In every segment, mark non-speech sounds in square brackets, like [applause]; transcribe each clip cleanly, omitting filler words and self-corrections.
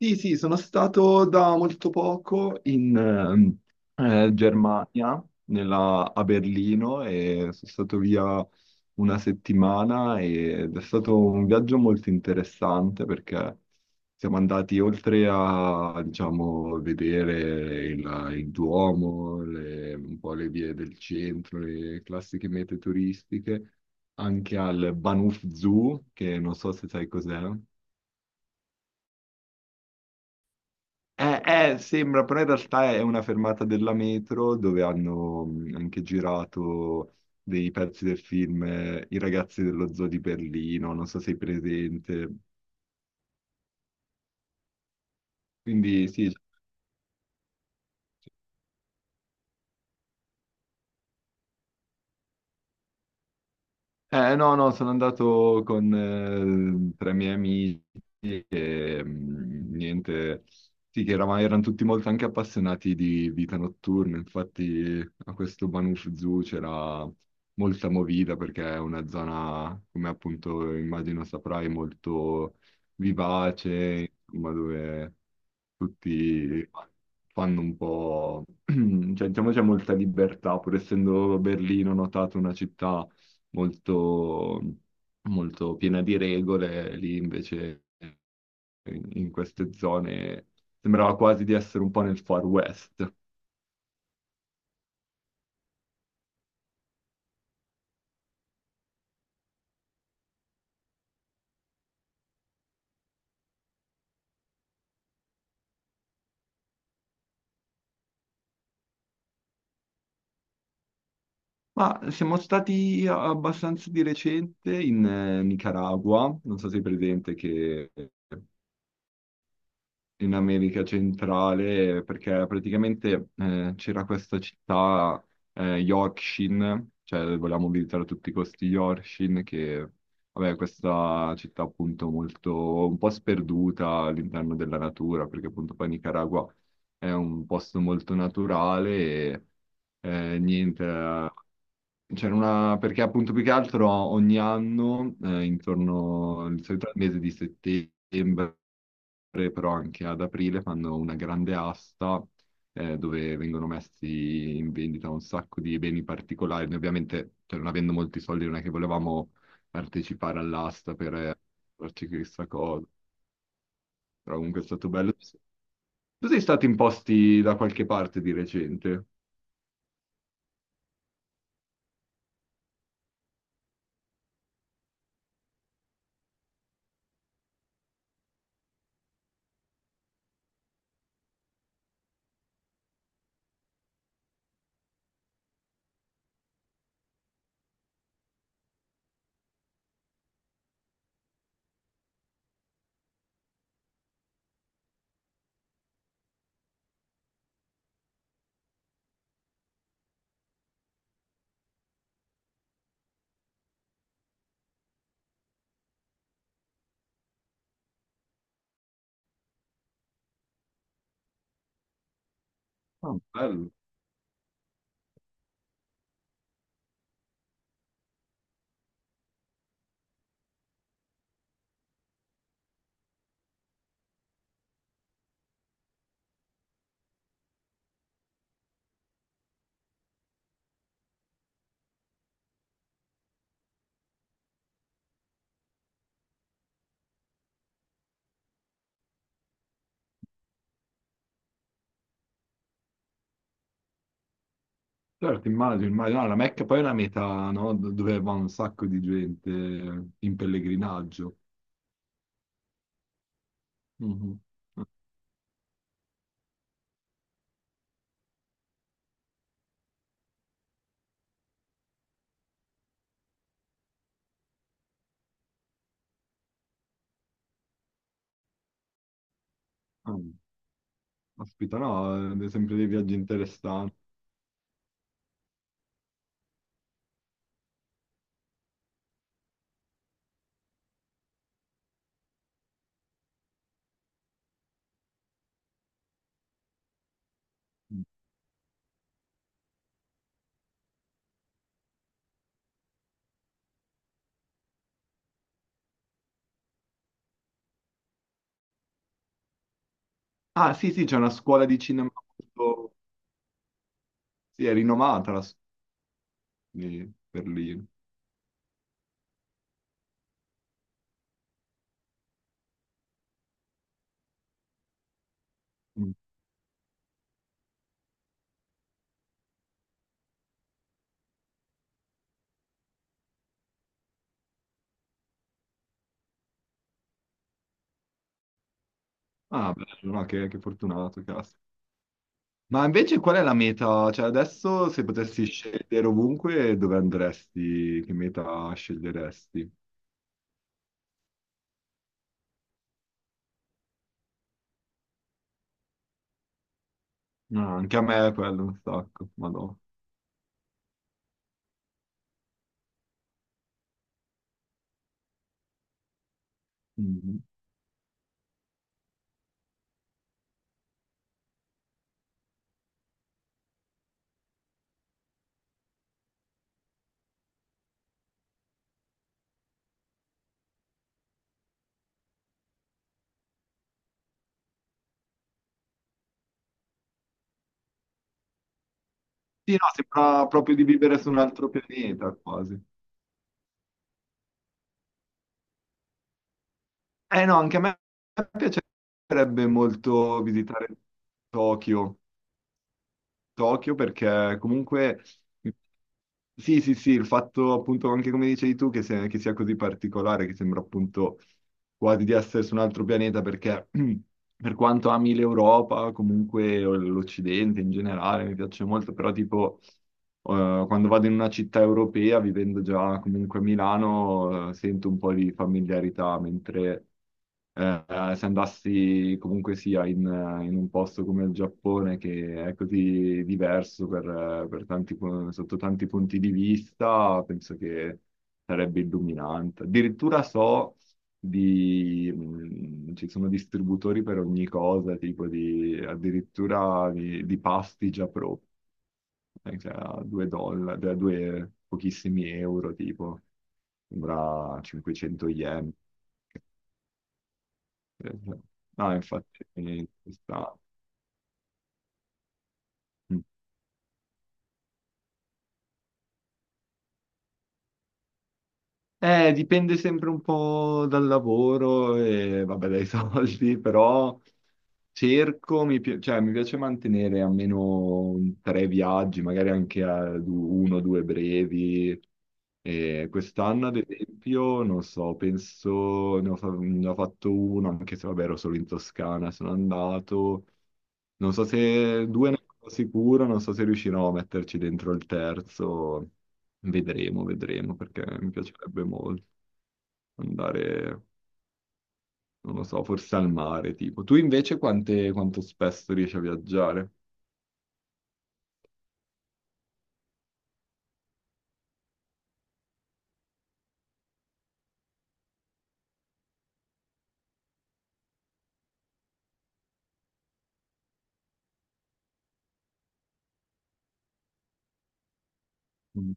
Sì, sì, sono stato da molto poco in Germania, a Berlino, e sono stato via 1 settimana ed è stato un viaggio molto interessante perché siamo andati oltre a, diciamo, vedere il Duomo, un po' le vie del centro, le classiche mete turistiche, anche al Bahnhof Zoo, che non so se sai cos'è. Sembra, però in realtà è una fermata della metro dove hanno anche girato dei pezzi del film I ragazzi dello zoo di Berlino, non so se sei presente. Quindi sì. No, no, sono andato con 3 miei amici e mm, niente, sì, che erano tutti molto anche appassionati di vita notturna. Infatti a questo Banuf Zoo c'era molta movida perché è una zona, come appunto immagino saprai, molto vivace, insomma, dove tutti fanno un po'... [clears throat] cioè, diciamo c'è molta libertà, pur essendo Berlino, ho notato, una città molto, molto piena di regole, lì invece in queste zone sembrava quasi di essere un po' nel Far West. Ma siamo stati abbastanza di recente in Nicaragua, non so se è presente, che in America centrale, perché praticamente c'era questa città Yorkshire, cioè volevamo visitare a tutti i costi Yorkshire, che vabbè, questa città appunto molto un po' sperduta all'interno della natura, perché appunto poi Nicaragua è un posto molto naturale e niente. C'era una, perché appunto più che altro ogni anno, intorno al solito al mese di settembre, però anche ad aprile fanno una grande asta dove vengono messi in vendita un sacco di beni particolari. Noi ovviamente, cioè, non avendo molti soldi, non è che volevamo partecipare all'asta per farci questa cosa, però comunque è stato bello. Tu sei stato in posti da qualche parte di recente? Ah, bello. Certo, immagino, immagino. No, la Mecca poi è una meta, no? Dove va un sacco di gente in pellegrinaggio. Mhm. Ah, ah. Aspetta, no, sempre dei viaggi interessanti. Ah, sì, sì, c'è una scuola di cinema molto... Sì, è rinomata la di Berlino. Mm. Ah, bello, no, che fortunato, cazzo. Ma invece qual è la meta? Cioè, adesso se potessi scegliere ovunque, dove andresti? Che meta sceglieresti? Ah, anche a me è quello un sacco, ma no. Sì, no, sembra proprio di vivere su un altro pianeta, quasi. Eh no, anche a me piacerebbe molto visitare Tokyo. Tokyo perché comunque sì, sì, sì, il fatto appunto anche come dicevi tu che, che sia così particolare, che sembra appunto quasi di essere su un altro pianeta, perché [clears throat] per quanto ami l'Europa, comunque o l'Occidente in generale mi piace molto, però tipo quando vado in una città europea, vivendo già comunque a Milano, sento un po' di familiarità, mentre se andassi comunque sia in un posto come il Giappone, che è così diverso per tanti sotto tanti punti di vista, penso che sarebbe illuminante. Addirittura so di, ci sono distributori per ogni cosa, tipo di, addirittura di pasti già pro, cioè a 2 dollari, a due pochissimi euro, tipo, sembra 500 yen. No, infatti, mm. Dipende sempre un po' dal lavoro e vabbè, dai soldi, [laughs] però cerco, cioè, mi piace mantenere almeno 3 viaggi, magari anche a uno o due brevi. E quest'anno, ad esempio, non so, penso ne ho fatto uno, anche se vabbè, ero solo in Toscana, sono andato. Non so, se due ne sono sicuro, non so se riuscirò a metterci dentro il terzo. Vedremo, vedremo, perché mi piacerebbe molto andare, non lo so, forse al mare, tipo. Tu invece quanto spesso riesci a viaggiare? Mm.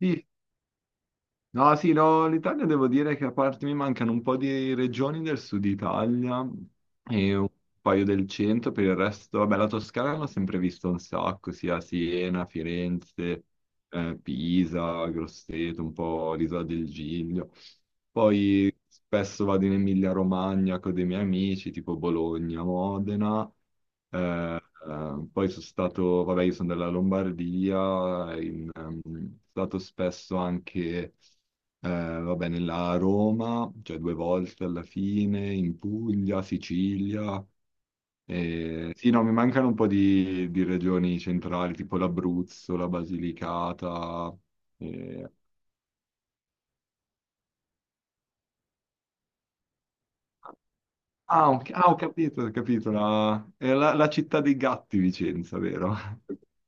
Sì, no, sì, no, l'Italia devo dire che a parte mi mancano un po' di regioni del sud Italia e un paio del centro, per il resto, vabbè, la Toscana l'ho sempre vista un sacco, sia Siena, Firenze, Pisa, Grosseto, un po' l'Isola del Giglio. Poi spesso vado in Emilia-Romagna con dei miei amici, tipo Bologna, Modena. Eh, poi sono stato, vabbè, io sono della Lombardia, sono stato spesso anche vabbè, nella Roma, cioè 2 volte alla fine, in Puglia, Sicilia. Sì, no, mi mancano un po' di regioni centrali, tipo l'Abruzzo, la Basilicata. Eh. Ah, ho, ah, ho capito, è la città dei gatti, Vicenza, vero? [laughs]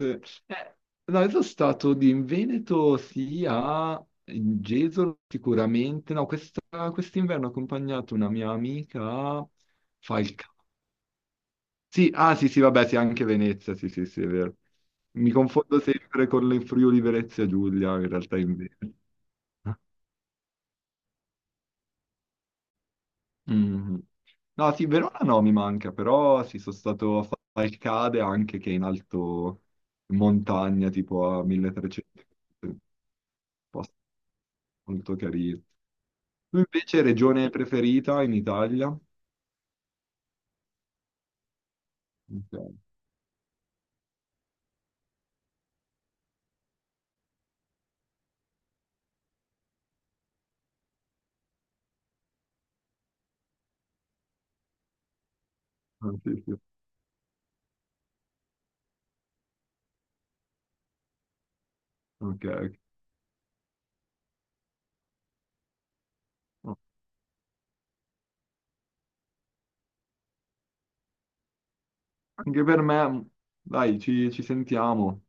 Eh, eh, no, io sono stato in Veneto, sì, a Gesolo sicuramente. No, questa- quest'inverno ho accompagnato una mia amica a Falcà. Sì, ah sì, sì, vabbè, sì, anche Venezia, sì, sì, sì, è vero. Mi confondo sempre con le Friuli Venezia Giulia, in realtà invece. Mhm. No, sì, Verona no, mi manca, però sì, sono stato a Falcade anche che è in alto in montagna, tipo a 1300, un posto molto carino. Tu invece regione preferita in Italia? Ok, ah, sì, sì, ok. Ok. Anche per me, dai, ci sentiamo.